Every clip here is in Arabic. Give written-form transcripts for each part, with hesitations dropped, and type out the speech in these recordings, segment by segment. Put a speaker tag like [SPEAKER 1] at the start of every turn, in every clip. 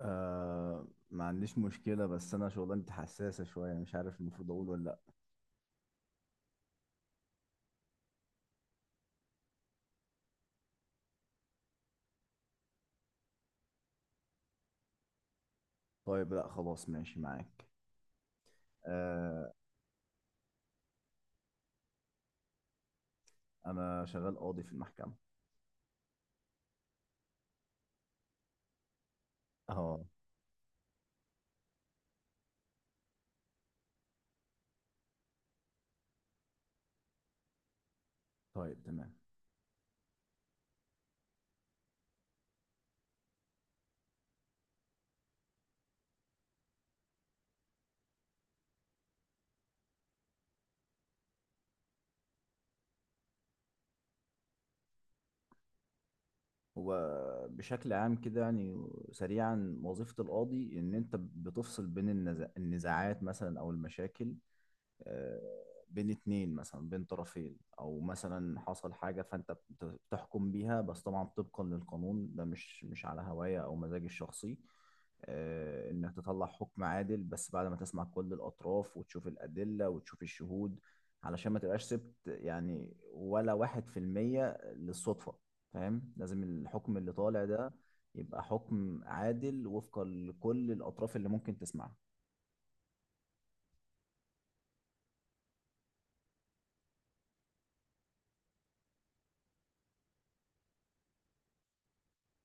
[SPEAKER 1] آه، ما عنديش مشكلة، بس أنا شغلانتي حساسة شوية، مش عارف المفروض أقول ولا لأ. طيب، لأ خلاص ماشي معاك. آه. أنا شغال قاضي في المحكمة. أه. طيب تمام. هو بشكل عام كده يعني، سريعا وظيفة القاضي إن أنت بتفصل بين النزاعات مثلا أو المشاكل، آه، بين اتنين مثلا، بين طرفين او مثلا حصل حاجة فانت بتحكم بيها، بس طبعا طبقا للقانون، ده مش على هواية او مزاجي الشخصي، انك تطلع حكم عادل بس بعد ما تسمع كل الاطراف وتشوف الادلة وتشوف الشهود، علشان ما تبقاش سبت يعني ولا 1% للصدفة. فاهم، لازم الحكم اللي طالع ده يبقى حكم عادل وفقا لكل الاطراف اللي ممكن تسمعها.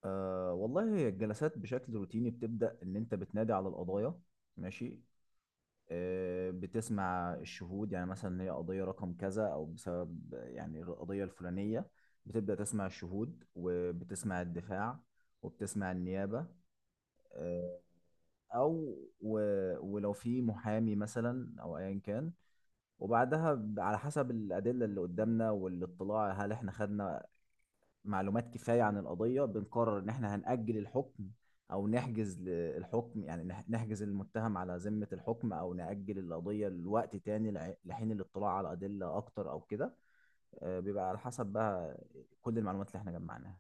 [SPEAKER 1] آه والله، هي الجلسات بشكل روتيني بتبدأ إن أنت بتنادي على القضايا. ماشي. بتسمع الشهود، يعني مثلا هي قضية رقم كذا أو بسبب يعني القضية الفلانية، بتبدأ تسمع الشهود وبتسمع الدفاع وبتسمع النيابة. آه. أو و ولو في محامي مثلا أو أيا كان، وبعدها على حسب الأدلة اللي قدامنا والاطلاع، هل إحنا خدنا معلومات كفايه عن القضيه، بنقرر ان احنا هنأجل الحكم او نحجز الحكم، يعني نحجز المتهم على ذمه الحكم، او نأجل القضيه لوقت تاني لحين الاطلاع على ادله اكتر او كده. بيبقى على حسب بقى كل المعلومات اللي احنا جمعناها.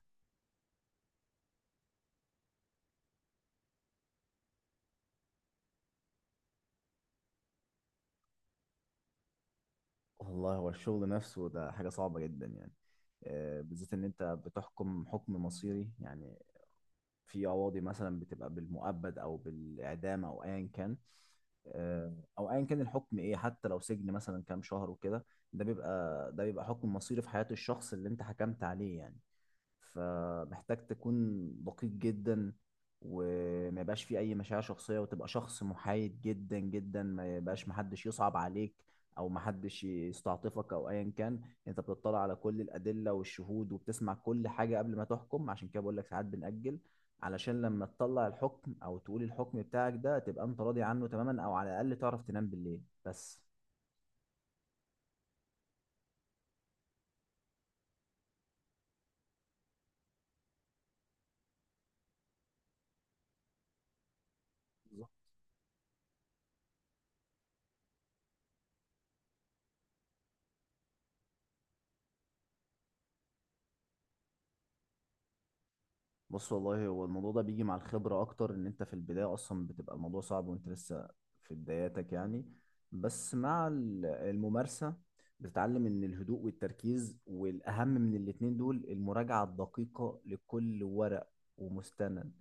[SPEAKER 1] والله هو الشغل نفسه ده حاجه صعبه جدا يعني، بالذات ان انت بتحكم حكم مصيري يعني. في قواضي مثلا بتبقى بالمؤبد او بالاعدام او ايا كان، او ايا كان الحكم ايه، حتى لو سجن مثلا كام شهر وكده، ده بيبقى حكم مصيري في حياة الشخص اللي انت حكمت عليه يعني. فمحتاج تكون دقيق جدا، وما يبقاش فيه اي مشاعر شخصيه، وتبقى شخص محايد جدا جدا. ما يبقاش محدش يصعب عليك او محدش يستعطفك او ايا كان. انت بتطلع على كل الادله والشهود، وبتسمع كل حاجه قبل ما تحكم. عشان كده بقول لك ساعات بنأجل، علشان لما تطلع الحكم او تقول الحكم بتاعك ده، تبقى انت راضي عنه تماما، او على الاقل تعرف تنام بالليل بس. بص والله هو الموضوع ده بيجي مع الخبرة أكتر، إن أنت في البداية أصلا بتبقى الموضوع صعب وأنت لسه في بداياتك يعني. بس مع الممارسة بتتعلم إن الهدوء والتركيز، والأهم من الاتنين دول المراجعة الدقيقة لكل ورق ومستند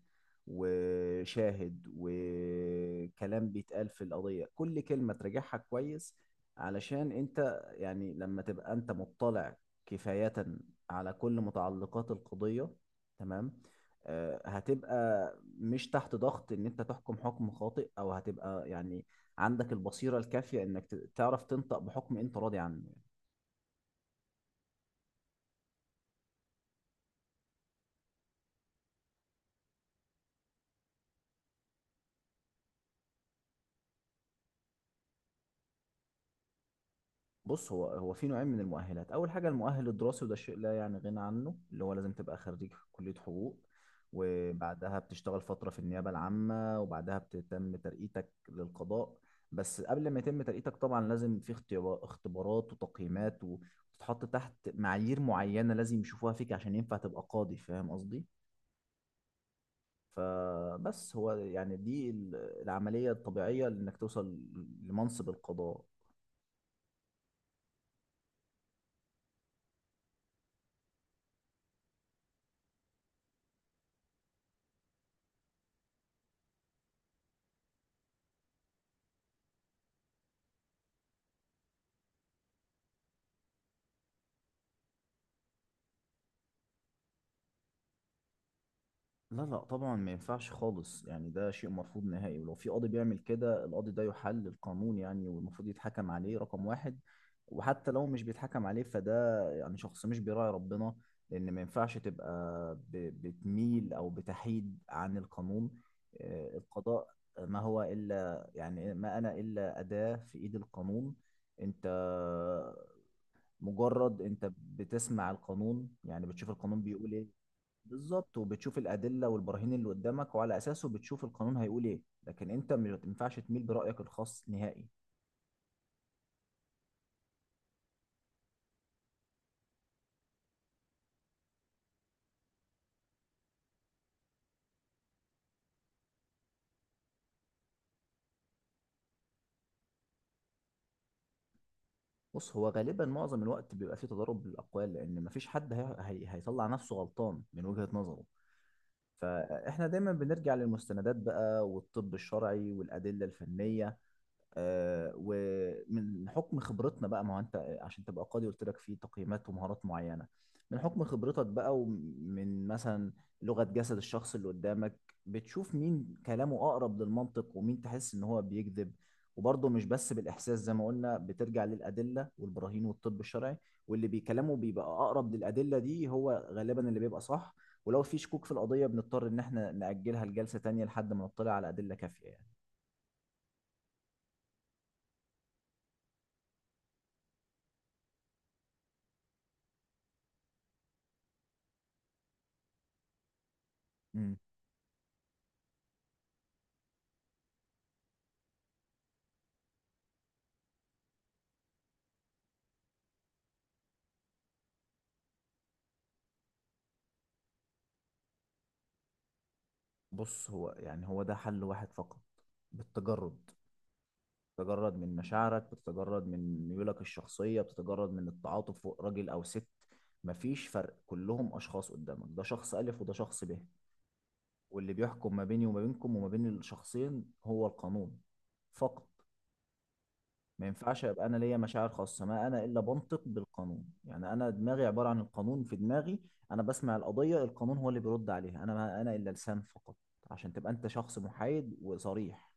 [SPEAKER 1] وشاهد وكلام بيتقال في القضية. كل كلمة تراجعها كويس، علشان أنت يعني لما تبقى أنت مطلع كفاية على كل متعلقات القضية، تمام، هتبقى مش تحت ضغط ان انت تحكم حكم خاطئ، او هتبقى يعني عندك البصيرة الكافية انك تعرف تنطق بحكم انت راضي عنه. بص، هو في نوعين من المؤهلات. اول حاجه المؤهل الدراسي، وده شيء لا يعني غنى عنه، اللي هو لازم تبقى خريج كليه حقوق، وبعدها بتشتغل فتره في النيابه العامه، وبعدها بتتم ترقيتك للقضاء. بس قبل ما يتم ترقيتك طبعا لازم في اختبارات وتقييمات، وتتحط تحت معايير معينه لازم يشوفوها فيك عشان ينفع تبقى قاضي. فاهم قصدي؟ فبس هو يعني دي العمليه الطبيعيه لانك توصل لمنصب القضاء. لا لا طبعا، ما ينفعش خالص، يعني ده شيء مرفوض نهائي. ولو في قاضي بيعمل كده، القاضي ده يحل القانون يعني، والمفروض يتحكم عليه رقم واحد. وحتى لو مش بيتحكم عليه، فده يعني شخص مش بيراعي ربنا. لأن ما ينفعش تبقى بتميل أو بتحيد عن القانون. القضاء ما هو إلا يعني، ما أنا إلا أداة في إيد القانون. أنت مجرد أنت بتسمع القانون، يعني بتشوف القانون بيقول إيه. بالظبط. وبتشوف الادله والبراهين اللي قدامك، وعلى اساسه بتشوف القانون هيقول ايه. لكن انت ما ينفعش تميل برايك الخاص نهائي. بص هو غالبا معظم الوقت بيبقى فيه تضارب بالاقوال، لان مفيش حد هيطلع نفسه غلطان من وجهه نظره. فاحنا دايما بنرجع للمستندات بقى، والطب الشرعي والادله الفنيه. ومن حكم خبرتنا بقى، ما هو انت، عشان تبقى قاضي قلت لك في تقييمات ومهارات معينه. من حكم خبرتك بقى، ومن مثلا لغه جسد الشخص اللي قدامك، بتشوف مين كلامه اقرب للمنطق ومين تحس ان هو بيكذب. وبرضه مش بس بالاحساس، زي ما قلنا بترجع للادله والبراهين والطب الشرعي، واللي بيكلمه بيبقى اقرب للادله دي هو غالبا اللي بيبقى صح. ولو في شكوك في القضيه بنضطر ان احنا ناجلها لجلسه تانية لحد ما نطلع على ادله كافيه يعني. مم. بص هو يعني، هو ده حل واحد فقط، بالتجرد. تتجرد من مشاعرك، بتتجرد من ميولك الشخصية، بتتجرد من التعاطف، فوق راجل أو ست مفيش فرق. كلهم أشخاص قدامك، ده شخص ألف وده شخص ب. واللي بيحكم ما بيني وما بينكم وما بين الشخصين هو القانون فقط. ما ينفعش أبقى أنا ليا مشاعر خاصة، ما أنا إلا بنطق بالقانون. يعني أنا دماغي عبارة عن القانون، في دماغي أنا بسمع القضية، القانون هو اللي بيرد عليها، أنا ما أنا إلا لسان فقط، عشان تبقى أنت شخص محايد وصريح.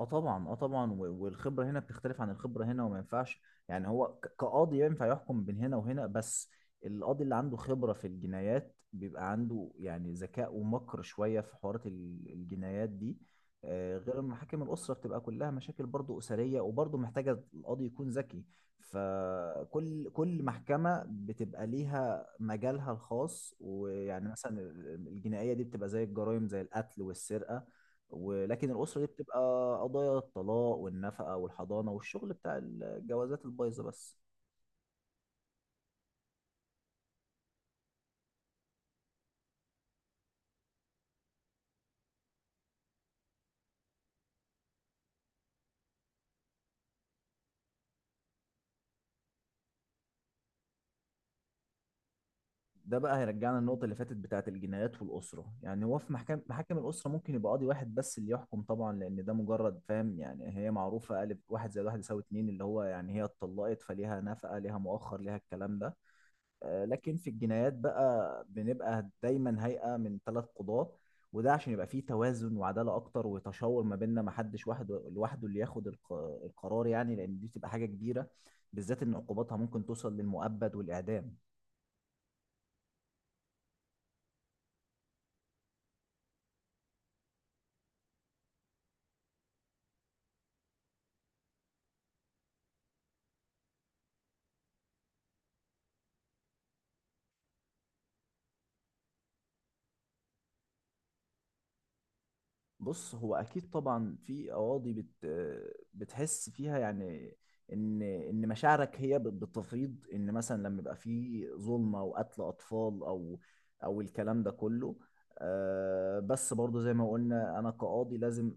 [SPEAKER 1] اه طبعا، اه طبعا، والخبره هنا بتختلف عن الخبره هنا. وما ينفعش يعني هو كقاضي ينفع يحكم بين هنا وهنا. بس القاضي اللي عنده خبره في الجنايات بيبقى عنده يعني ذكاء ومكر شويه في حوارات الجنايات دي، غير المحاكم الاسره. بتبقى كلها مشاكل برضو اسريه، وبرضو محتاجه القاضي يكون ذكي. فكل محكمه بتبقى ليها مجالها الخاص، ويعني مثلا الجنائيه دي بتبقى زي الجرائم، زي القتل والسرقه. ولكن الأسرة دي بتبقى قضايا الطلاق والنفقة والحضانة، والشغل بتاع الجوازات البايظة بس. ده بقى هيرجعنا للنقطة اللي فاتت بتاعة الجنايات والأسرة. يعني هو في محاكم الأسرة، ممكن يبقى قاضي واحد بس اللي يحكم طبعا، لأن ده مجرد فاهم يعني، هي معروفة قالب، 1+1=2، اللي هو يعني هي اتطلقت فليها نفقة ليها مؤخر ليها الكلام ده. لكن في الجنايات بقى بنبقى دايما هيئة من ثلاث قضاة. وده عشان يبقى فيه توازن وعدالة أكتر، وتشاور ما بيننا، ما حدش وحده لوحده اللي ياخد القرار يعني، لأن دي بتبقى حاجة كبيرة، بالذات إن عقوباتها ممكن توصل للمؤبد والإعدام. بص هو اكيد طبعا في قواضي بتحس فيها يعني، ان مشاعرك هي بتفيض، ان مثلا لما يبقى في ظلمه وقتل اطفال او الكلام ده كله. بس برضو زي ما قلنا، انا كقاضي لازم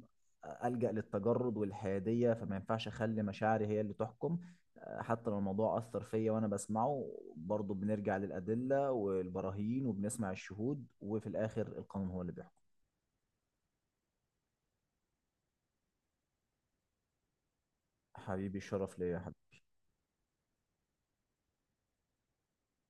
[SPEAKER 1] ألجأ للتجرد والحياديه، فما ينفعش اخلي مشاعري هي اللي تحكم. حتى لو الموضوع اثر فيا وانا بسمعه، برضو بنرجع للادله والبراهين، وبنسمع الشهود، وفي الاخر القانون هو اللي بيحكم. حبيبي الشرف ليا يا حبيبي.